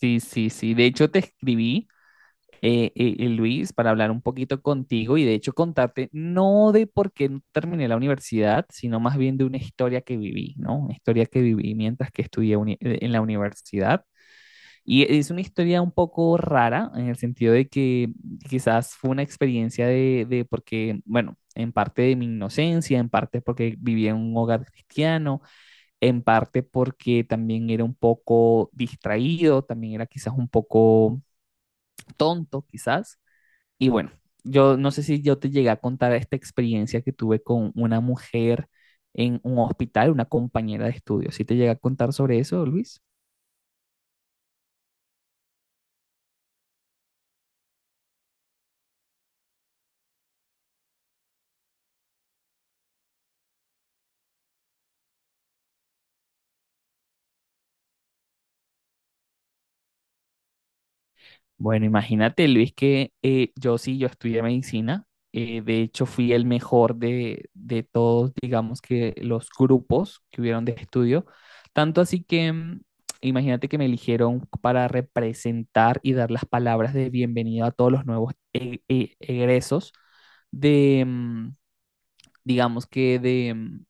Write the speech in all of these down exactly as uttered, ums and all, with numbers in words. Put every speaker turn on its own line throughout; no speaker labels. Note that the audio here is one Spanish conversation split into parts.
Sí, sí, sí. De hecho, te escribí, eh, eh, eh, Luis, para hablar un poquito contigo y de hecho contarte no de por qué no terminé la universidad, sino más bien de una historia que viví, ¿no? Una historia que viví mientras que estudié uni- eh, en la universidad. Y es una historia un poco rara en el sentido de que quizás fue una experiencia de, de porque, bueno, en parte de mi inocencia, en parte porque viví en un hogar cristiano, en parte porque también era un poco distraído, también era quizás un poco tonto, quizás. Y bueno, yo no sé si yo te llegué a contar esta experiencia que tuve con una mujer en un hospital, una compañera de estudio. ¿Sí te llegué a contar sobre eso, Luis? Bueno, imagínate, Luis, que eh, yo sí, yo estudié medicina. Eh, de hecho, fui el mejor de, de todos, digamos que los grupos que hubieron de estudio. Tanto así que, mm, imagínate que me eligieron para representar y dar las palabras de bienvenida a todos los nuevos e- e- egresos de, mm, digamos que de, mm,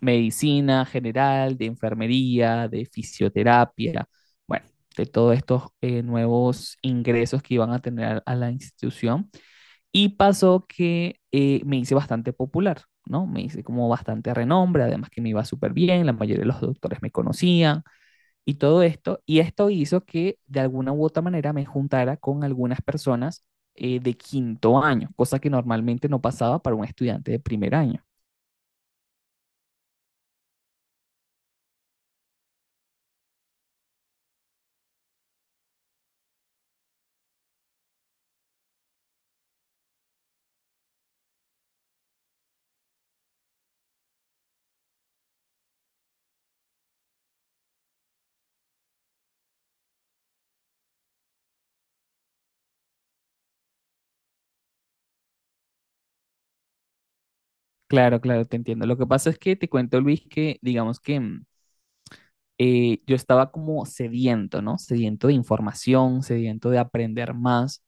medicina general, de enfermería, de fisioterapia, bueno, de todos estos eh, nuevos ingresos que iban a tener a la institución. Y pasó que eh, me hice bastante popular, ¿no? Me hice como bastante renombre, además que me iba súper bien, la mayoría de los doctores me conocían y todo esto. Y esto hizo que de alguna u otra manera me juntara con algunas personas eh, de quinto año, cosa que normalmente no pasaba para un estudiante de primer año. Claro, claro, te entiendo. Lo que pasa es que te cuento, Luis, que digamos que mm, eh, yo estaba como sediento, ¿no? Sediento de información, sediento de aprender más.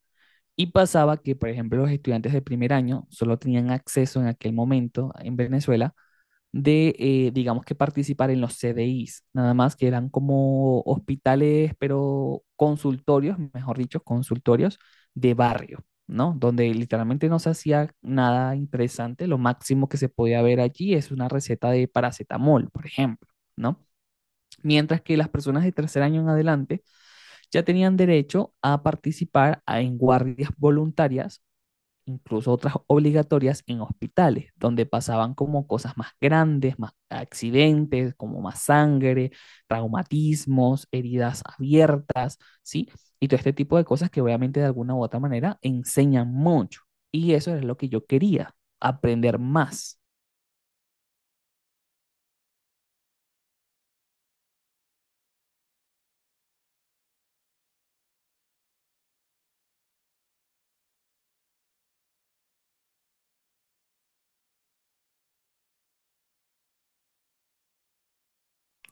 Y pasaba que, por ejemplo, los estudiantes de primer año solo tenían acceso en aquel momento en Venezuela de, eh, digamos que participar en los C D Is, nada más que eran como hospitales, pero consultorios, mejor dicho, consultorios de barrio, ¿no? Donde literalmente no se hacía nada interesante, lo máximo que se podía ver allí es una receta de paracetamol, por ejemplo, ¿no? Mientras que las personas de tercer año en adelante ya tenían derecho a participar a- en guardias voluntarias, incluso otras obligatorias en hospitales, donde pasaban como cosas más grandes, más accidentes, como más sangre, traumatismos, heridas abiertas, ¿sí? Y todo este tipo de cosas que obviamente de alguna u otra manera enseñan mucho. Y eso es lo que yo quería, aprender más.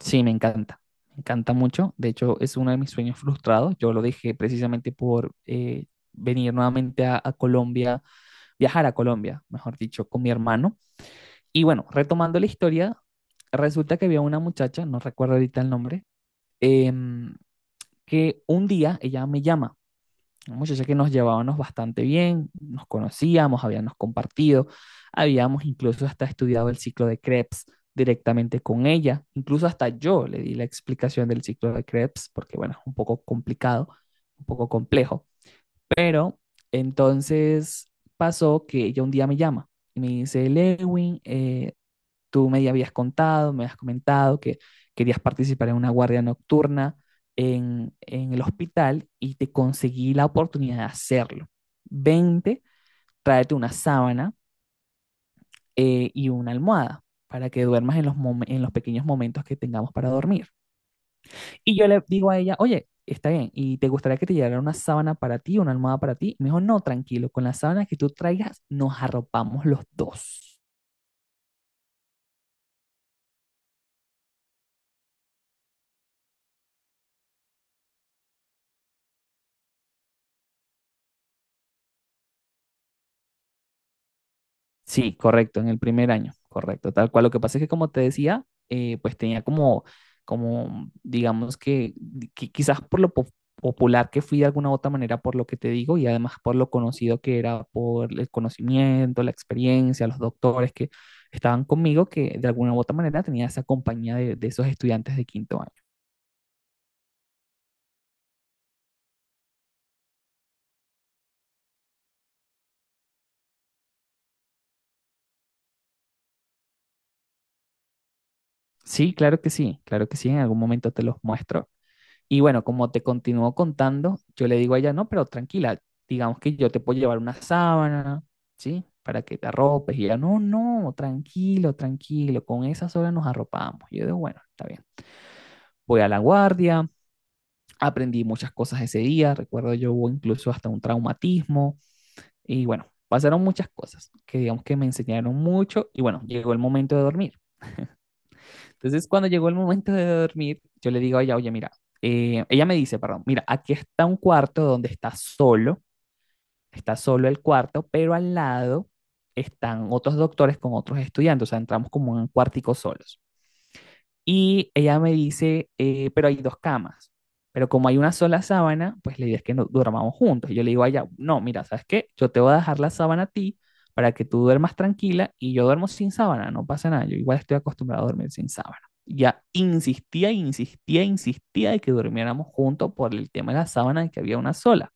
Sí, me encanta, me encanta mucho. De hecho, es uno de mis sueños frustrados. Yo lo dejé precisamente por eh, venir nuevamente a, a Colombia, viajar a Colombia, mejor dicho, con mi hermano. Y bueno, retomando la historia, resulta que había una muchacha, no recuerdo ahorita el nombre, em, que un día ella me llama, una muchacha que nos llevábamos bastante bien, nos conocíamos, habíamos compartido, habíamos incluso hasta estudiado el ciclo de Krebs directamente con ella, incluso hasta yo le di la explicación del ciclo de Krebs, porque bueno, es un poco complicado, un poco complejo, pero entonces pasó que ella un día me llama y me dice, Lewin, eh, tú me habías contado, me habías comentado que querías participar en una guardia nocturna en, en el hospital y te conseguí la oportunidad de hacerlo. Vente, tráete una sábana eh, y una almohada para que duermas en los, mom- en los pequeños momentos que tengamos para dormir. Y yo le digo a ella, oye, está bien, ¿y te gustaría que te llegara una sábana para ti, una almohada para ti? Y me dijo, no, tranquilo, con la sábana que tú traigas nos arropamos los dos. Sí, correcto, en el primer año, correcto, tal cual. Lo que pasa es que, como te decía, eh, pues tenía como, como, digamos que, qui- quizás por lo po- popular que fui de alguna u otra manera, por lo que te digo, y además por lo conocido que era, por el conocimiento, la experiencia, los doctores que estaban conmigo, que de alguna u otra manera tenía esa compañía de, de esos estudiantes de quinto año. Sí, claro que sí, claro que sí, en algún momento te los muestro. Y bueno, como te continúo contando, yo le digo a ella, no, pero tranquila, digamos que yo te puedo llevar una sábana, ¿sí? Para que te arropes. Y ella, no, no, tranquilo, tranquilo, con esa sola nos arropamos. Y yo digo, bueno, está bien. Voy a la guardia, aprendí muchas cosas ese día, recuerdo yo hubo incluso hasta un traumatismo y bueno, pasaron muchas cosas que digamos que me enseñaron mucho y bueno, llegó el momento de dormir. Entonces, cuando llegó el momento de dormir, yo le digo a ella, oye, mira, eh, ella me dice, perdón, mira, aquí está un cuarto donde está solo, está solo el cuarto, pero al lado están otros doctores con otros estudiantes, o sea, entramos como en un cuartico solos. Y ella me dice, eh, pero hay dos camas. Pero como hay una sola sábana, pues la idea es que no durmamos juntos. Y yo le digo a ella, no, mira, ¿sabes qué? Yo te voy a dejar la sábana a ti para que tú duermas tranquila y yo duermo sin sábana, no pasa nada. Yo igual estoy acostumbrado a dormir sin sábana. Ya insistía, insistía, insistía de que durmiéramos juntos por el tema de la sábana y que había una sola.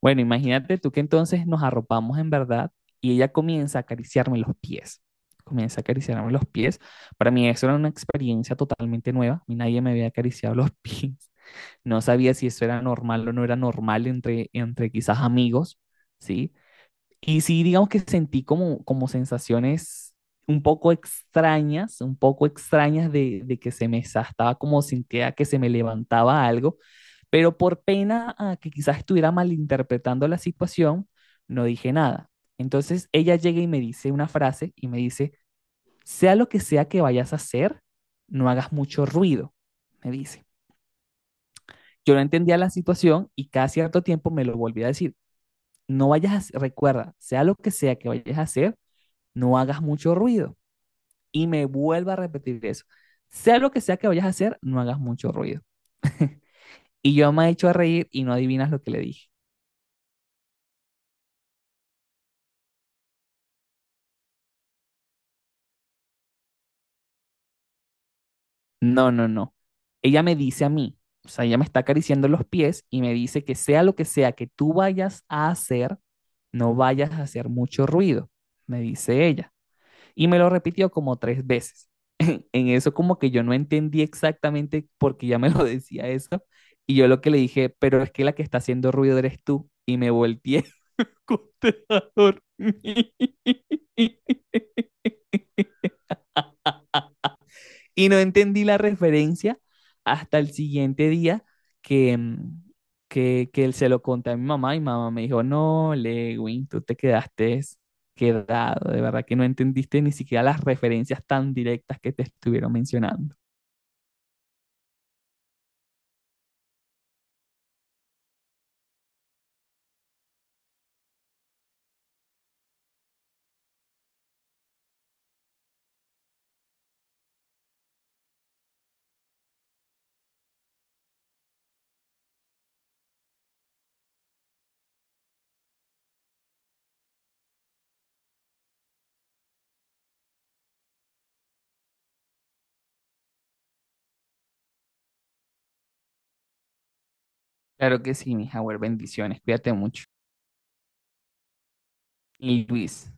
Bueno, imagínate tú que entonces nos arropamos en verdad y ella comienza a acariciarme los pies. Comienza a acariciarme los pies. Para mí eso era una experiencia totalmente nueva. A mí nadie me había acariciado los pies. No sabía si eso era normal o no era normal entre, entre quizás amigos, ¿sí? Y sí, digamos que sentí como, como sensaciones un poco extrañas, un poco extrañas de, de que se me estaba como sentía que se me levantaba algo, pero por pena a que quizás estuviera malinterpretando la situación, no dije nada. Entonces ella llega y me dice una frase y me dice, sea lo que sea que vayas a hacer, no hagas mucho ruido, me dice. Yo no entendía la situación y cada cierto tiempo me lo volvía a decir, no vayas a, recuerda, sea lo que sea que vayas a hacer, no hagas mucho ruido. Y me vuelvo a repetir eso. Sea lo que sea que vayas a hacer, no hagas mucho ruido. Y yo me he hecho a reír y no adivinas lo que le dije. No, no, no. Ella me dice a mí, o sea, ella me está acariciando los pies y me dice que sea lo que sea que tú vayas a hacer, no vayas a hacer mucho ruido, me dice ella. Y me lo repitió como tres veces. En en eso como que yo no entendí exactamente por qué ya me lo decía eso. Y yo lo que le dije, pero es que la que está haciendo ruido eres tú. Y me volteé acosté dormir. Y no entendí la referencia hasta el siguiente día que, mm, que, que él se lo conté a mi mamá y mi mamá me dijo, no, Lewin, tú te quedaste quedado, de verdad que no entendiste ni siquiera las referencias tan directas que te estuvieron mencionando. Claro que sí, mi Howard, bendiciones, cuídate mucho. Y Luis,